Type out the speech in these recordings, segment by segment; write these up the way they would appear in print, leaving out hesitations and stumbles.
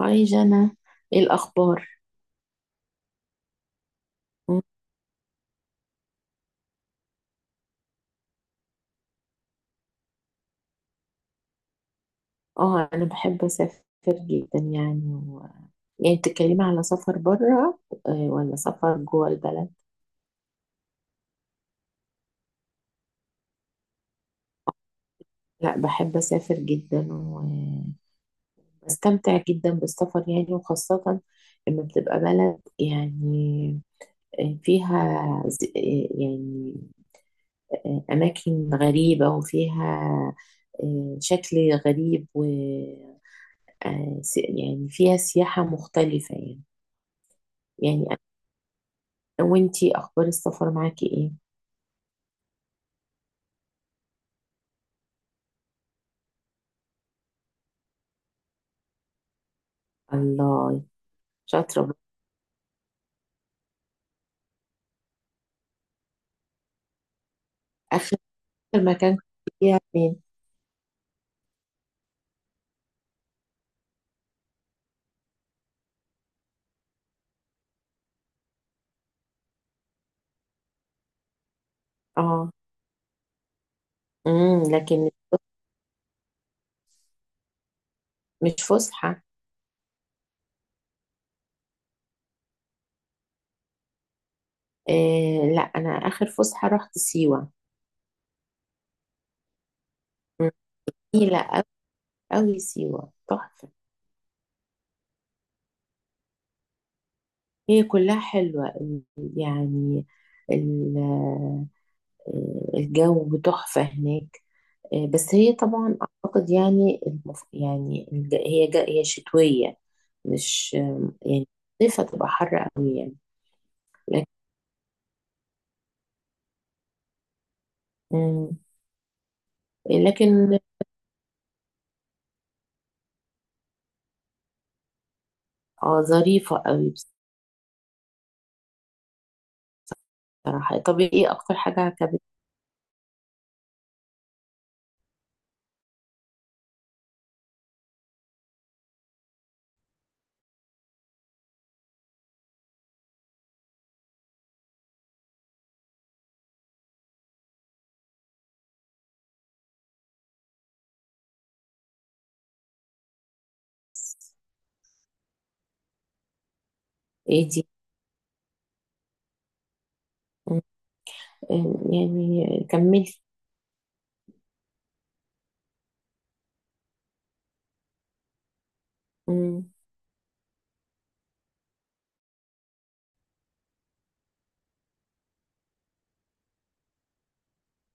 هاي جنى. ايه الاخبار؟ مم. اه، انا بحب اسافر جدا يعني يعني بتتكلمي على سفر بره ولا سفر جوه البلد؟ لا، بحب اسافر جدا، وبستمتع جدا بالسفر يعني، وخاصة لما بتبقى بلد يعني فيها يعني اماكن غريبة، وفيها شكل غريب، و يعني فيها سياحة مختلفة يعني. وانتي، اخبار السفر معاكي ايه؟ الله، شاطره بقى. اخر مكان كنت فيها فين؟ اه. لكن مش فسحه؟ إيه، لا، انا اخر فسحه رحت سيوه. مم. جميله قوي، سيوه تحفه. هي كلها حلوه. يعني ال- آه، الجو تحفه هناك. بس هي طبعا اعتقد يعني يعني هي شتويه. مش يعني الصيف هتبقى حر قوي يعني. مم. لكن اه، ظريفة قوي. بصراحة، طب ايه اكتر حاجة عجبتك؟ ايه دي؟ مم. يعني كملي. مم.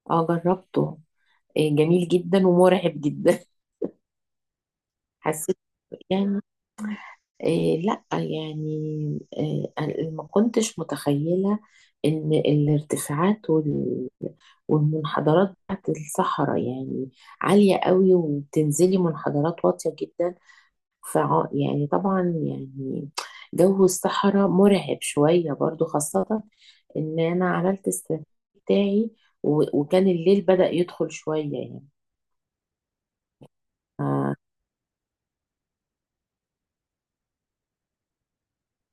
اه، جربته. إيه، جميل جدا ومرعب جدا. حسيت يعني. إيه لا، يعني إيه، أنا ما كنتش متخيلة ان الارتفاعات والمنحدرات بتاعت الصحراء يعني عالية قوي، وبتنزلي منحدرات واطية جدا. يعني طبعا يعني جو الصحراء مرعب شوية برضو، خاصة ان انا عملت السفاري بتاعي وكان الليل بدأ يدخل شوية يعني. اه.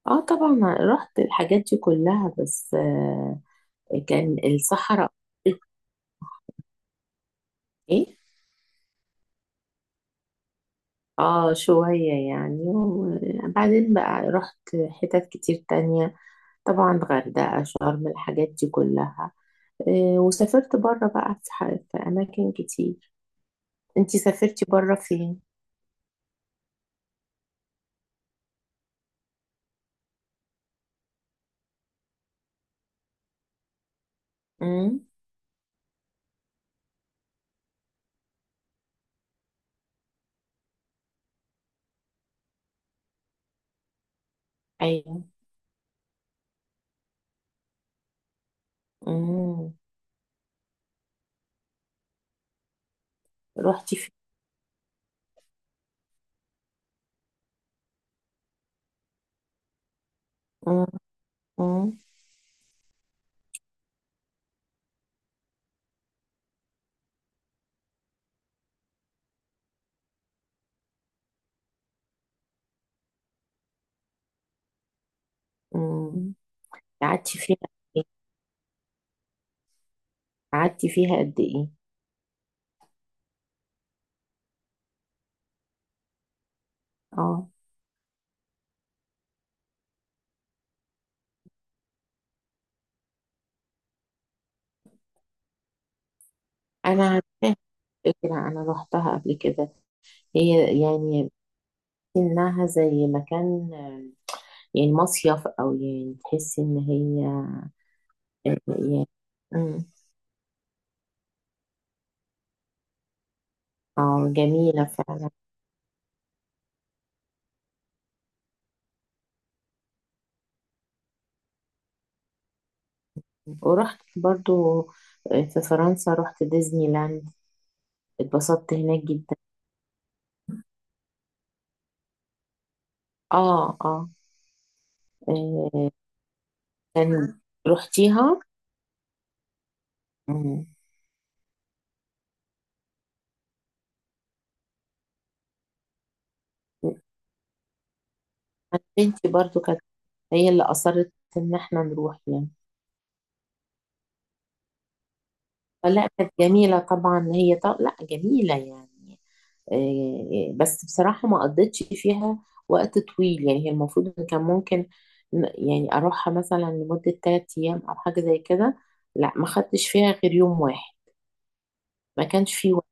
طبعا رحت الحاجات دي كلها، بس كان الصحراء ايه. اه، شوية يعني، وبعدين بقى رحت حتت كتير تانية. طبعا، غردقة شرم الحاجات دي كلها. وسافرت بره بقى في أماكن كتير. انتي سافرتي بره فين؟ امم. ايوه. امم روحتي فين؟ امم. امم. أمم. قعدتي فيها قد إيه؟ قعدتي فيها قد ايه؟ اه، انا عارفاها. كده انا روحتها قبل كده. هي يعني انها زي مكان، يعني مصيف، او يعني تحسي ان هي يعني. أمم. اه، جميلة فعلا. ورحت برضو في فرنسا رحت ديزني لاند، اتبسطت هناك جدا. اه، اه. آه، يعني رحتيها؟ مم. أنا بنتي برضو كانت هي اللي أصرت إن احنا نروح يعني. فلا كانت جميلة طبعا هي، طب لا جميلة يعني. إيه، بس بصراحة ما قضيتش فيها وقت طويل يعني، هي المفروض إن كان ممكن يعني أروحها مثلا لمدة تلات أيام أو حاجة زي كده. لا، ما خدتش فيها غير يوم واحد. ما كانش فيه وقت.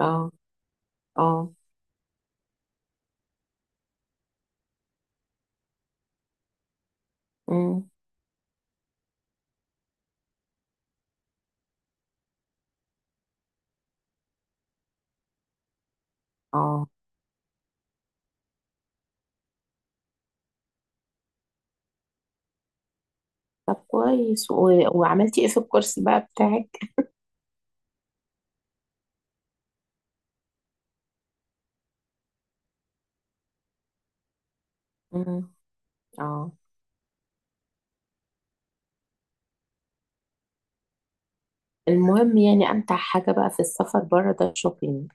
اه، اه. أمم. اه، طب كويس وعملتي ايه في الكورس بقى بتاعك؟ أمم. اه، المهم يعني امتع حاجه بقى في السفر بره ده الشوبينج.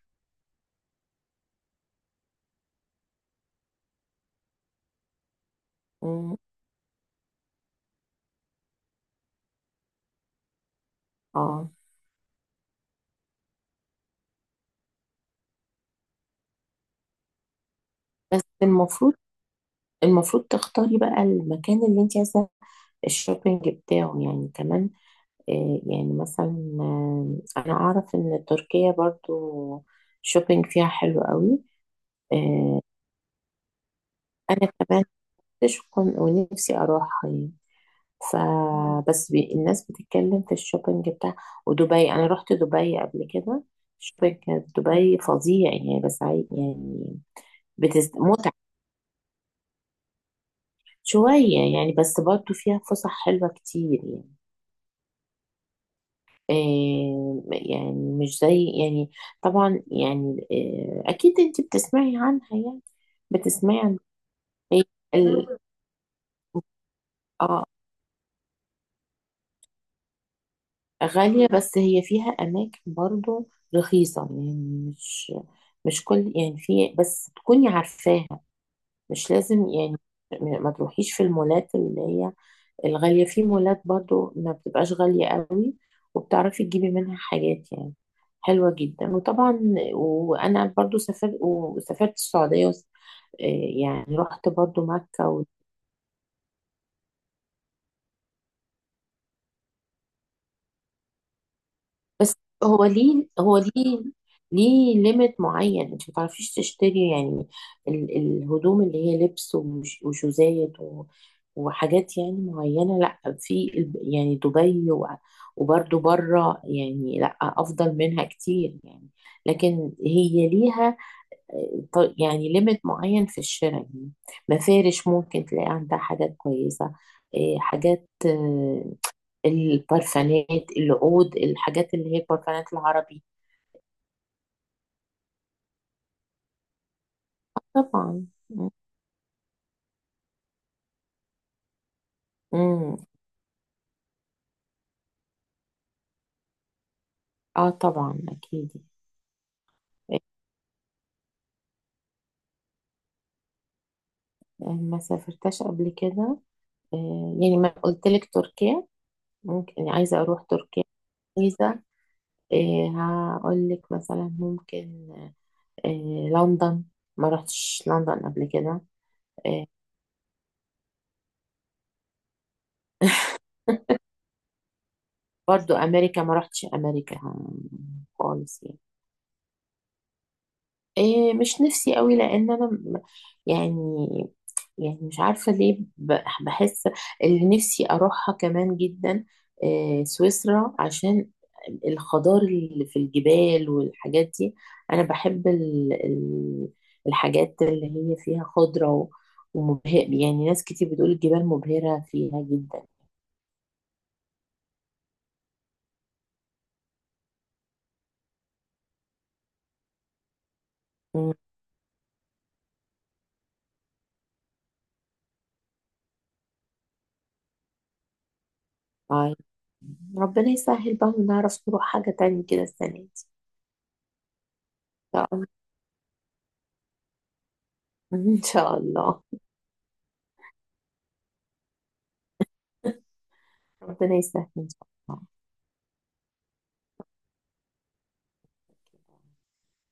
مم. اه، بس المفروض تختاري بقى المكان اللي انت عايزه الشوبينج بتاعه يعني كمان. يعني مثلا، انا اعرف ان تركيا برضو شوبينج فيها حلو قوي. آه كمان نفسي ونفسي اروحها يعني. فبس الناس بتتكلم في الشوبينج بتاع، ودبي انا رحت دبي قبل كده. شوبينج كانت دبي فظيع يعني، بس يعني متعة شوية يعني، بس برضه فيها فسح حلوة كتير يعني. يعني مش زي يعني طبعا يعني، أكيد أنت بتسمعي عنها يعني. بتسمعي عن، هي ال... آه غالية، بس هي فيها أماكن برضه رخيصة يعني. مش كل يعني، في بس تكوني عارفاها. مش لازم يعني ما تروحيش في المولات اللي هي الغالية. في مولات برضو ما بتبقاش غالية قوي، وبتعرفي تجيبي منها حاجات يعني حلوة جدا. وطبعا، وأنا برضو سافرت السعودية آه، يعني رحت برضو مكة. بس هو ليه ليميت معين انت ما تعرفيش تشتري يعني الهدوم اللي هي لبس وشوزات وحاجات يعني معينة. لا، في يعني دبي وبرضو بره يعني، لا افضل منها كتير يعني. لكن هي ليها يعني ليميت معين في الشراء يعني. مفارش ممكن تلاقي عندها حاجات كويسة. إيه، حاجات البرفانات، العود، الحاجات اللي هي البرفانات العربي. طبعا. م- م. اه، طبعا اكيد. إيه، ما سافرتش قبل كده. إيه، يعني ما قلت لك، تركيا ممكن يعني، عايزة اروح تركيا. عايزة إيه، هقول لك مثلا ممكن إيه، لندن. ما رحتش لندن قبل كده. برضو امريكا، ما رحتش امريكا خالص يعني. إيه، مش نفسي قوي، لان انا يعني يعني مش عارفه ليه، بحس اللي نفسي اروحها كمان جدا إيه سويسرا، عشان الخضار اللي في الجبال والحاجات دي. انا بحب الحاجات اللي هي فيها خضره ومبهر يعني، ناس كتير بتقول الجبال مبهره فيها جدا. مم. ربنا يسهل بقى، ونعرف نروح حاجة تانية كده السنة دي. إن شاء الله. إن شاء الله، ربنا يسهل إن شاء الله.